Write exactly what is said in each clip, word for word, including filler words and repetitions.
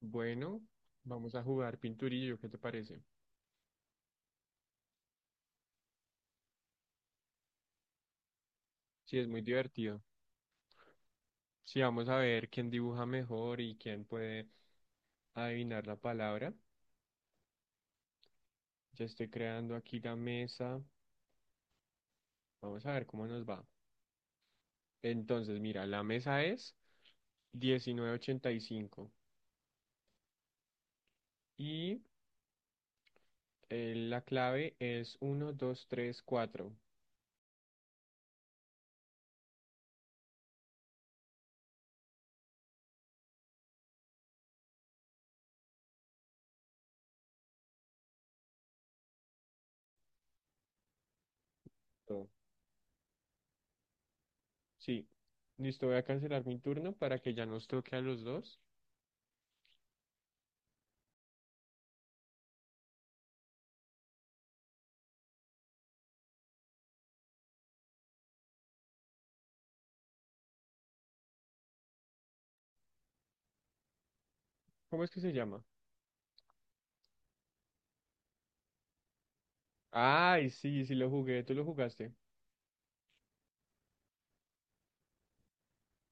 Bueno, vamos a jugar pinturillo, ¿qué te parece? Sí, es muy divertido. Sí, vamos a ver quién dibuja mejor y quién puede adivinar la palabra. Ya estoy creando aquí la mesa. Vamos a ver cómo nos va. Entonces, mira, la mesa es diecinueve ochenta y cinco y eh, la clave es uno dos tres cuatro. Oh, sí, listo, voy a cancelar mi turno para que ya nos toque a los dos. ¿Cómo es que se llama? Ay, sí, sí lo jugué, tú lo jugaste.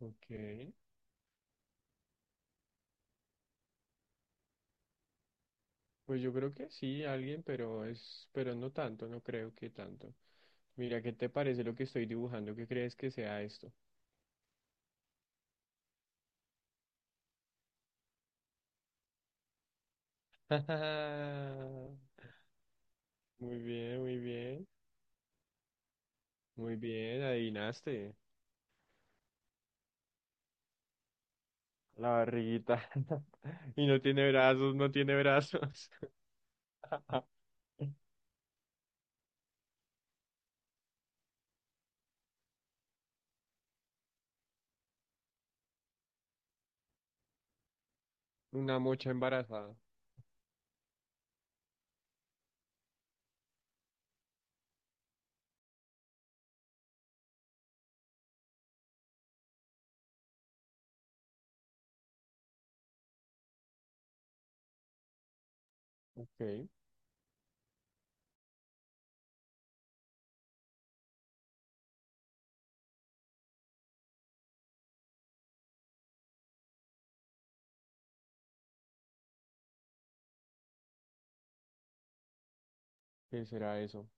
Ok. Pues yo creo que sí, alguien, pero es, pero no tanto, no creo que tanto. Mira, ¿qué te parece lo que estoy dibujando? ¿Qué crees que sea esto? Muy bien, muy bien, muy bien, adivinaste. La barriguita. Y no tiene brazos, no tiene brazos. Una mocha embarazada. Ok, ¿qué será eso?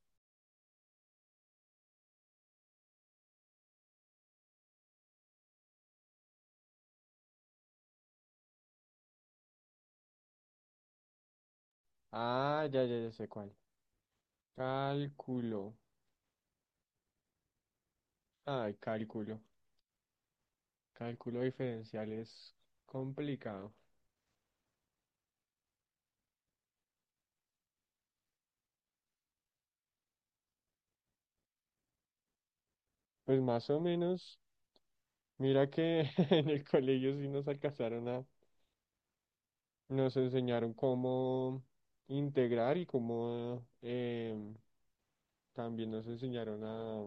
Ah, ya, ya, ya sé cuál. Cálculo. Ay, cálculo. Cálculo diferencial es complicado. Pues más o menos, mira que en el colegio sí nos alcanzaron a, nos enseñaron cómo integrar y cómo eh, también nos enseñaron a,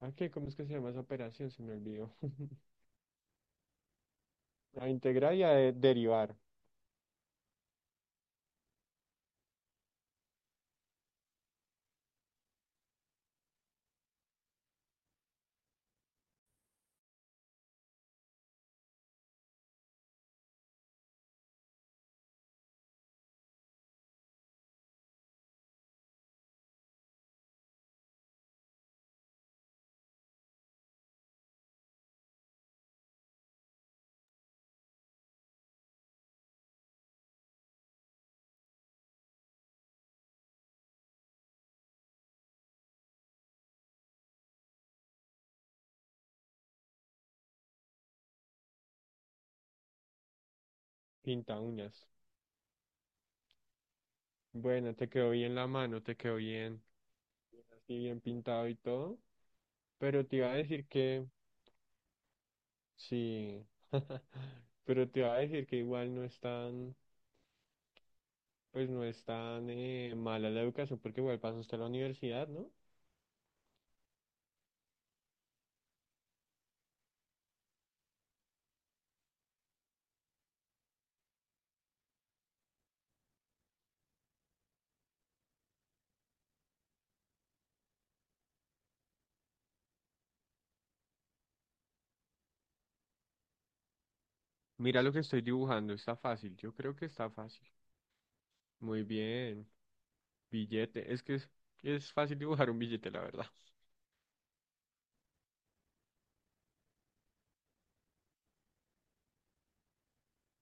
¿a qué? ¿Cómo es que se llama esa operación? Se me olvidó. A integrar y a de- derivar. Pinta uñas. Bueno, te quedó bien la mano, te quedó bien, así bien pintado y todo, pero te iba a decir que sí, pero te iba a decir que igual no es tan... Pues no es tan eh, mala la educación porque igual pasa usted a la universidad, ¿no? Mira lo que estoy dibujando, está fácil, yo creo que está fácil. Muy bien, billete, es que es, es fácil dibujar un billete, la verdad.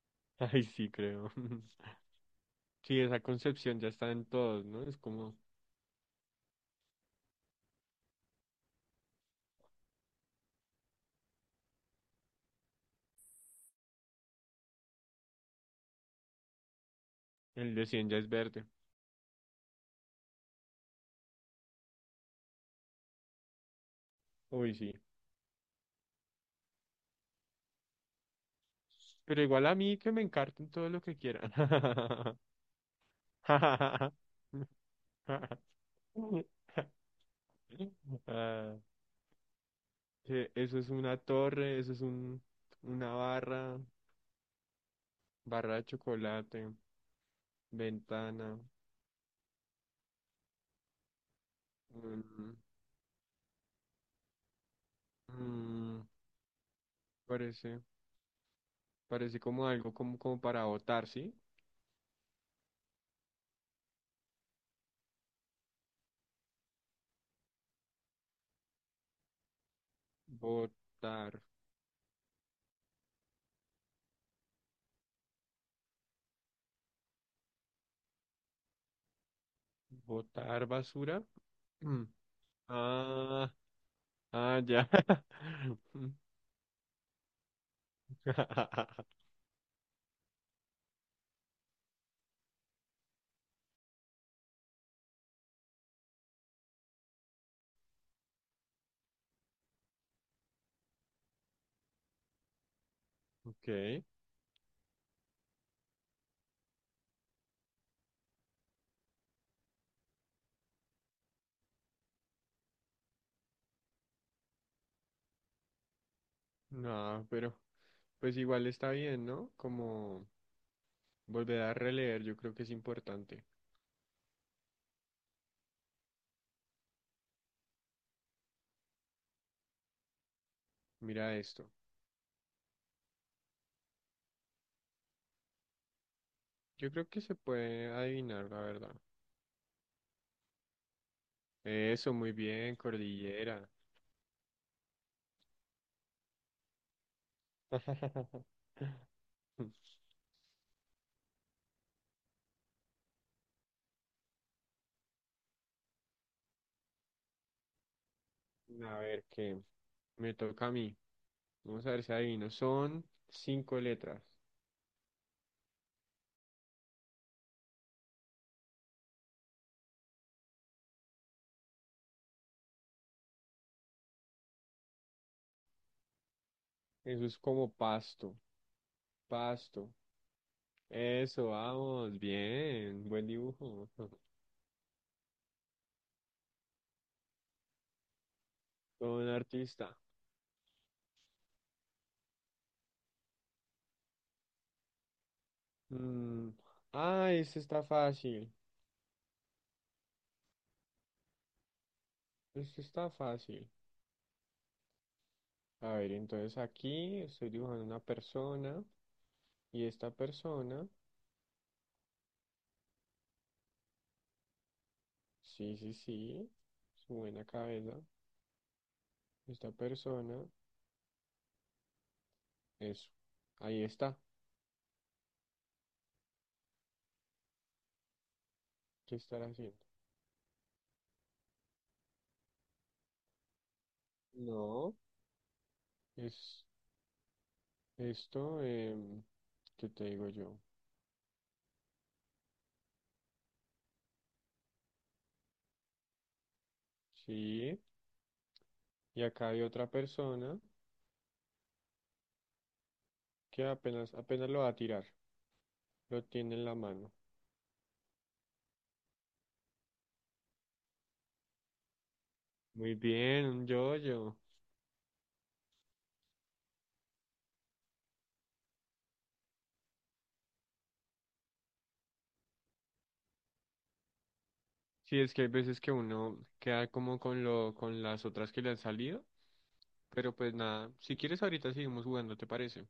Ay, sí, creo. Sí, esa concepción ya está en todos, ¿no? Es como el de cien ya es verde. Uy, sí. Pero igual a mí que me encarten todo lo que quieran. Ah, que eso es una torre, eso es un, una barra, barra de chocolate, ventana. un- mm, Parece, parece como algo como, como para botar, ¿sí? Botar, botar basura. Mm. Ah, ah, ya. Ok, no, pero pues igual está bien, ¿no? Como volver a releer, yo creo que es importante. Mira esto. Yo creo que se puede adivinar, la verdad. Eso, muy bien, cordillera. A ver, ¿qué? Me toca a mí. Vamos a ver si adivino. Son cinco letras. Eso es como pasto. Pasto. Eso, vamos. Bien. Buen dibujo. Todo un artista. Mm, ah, este está fácil. Este está fácil. A ver, entonces aquí estoy dibujando una persona. Y esta persona. Sí, sí, sí. Su buena cabeza. Esta persona, es ahí está. ¿Qué estará haciendo? No. Es esto, em, ¿qué te digo yo? Sí, y acá hay otra persona que apenas, apenas lo va a tirar. Lo tiene en la mano. Muy bien, un yo-yo. Sí, es que hay veces que uno queda como con lo, con las otras que le han salido, pero pues nada, si quieres ahorita seguimos jugando, ¿te parece?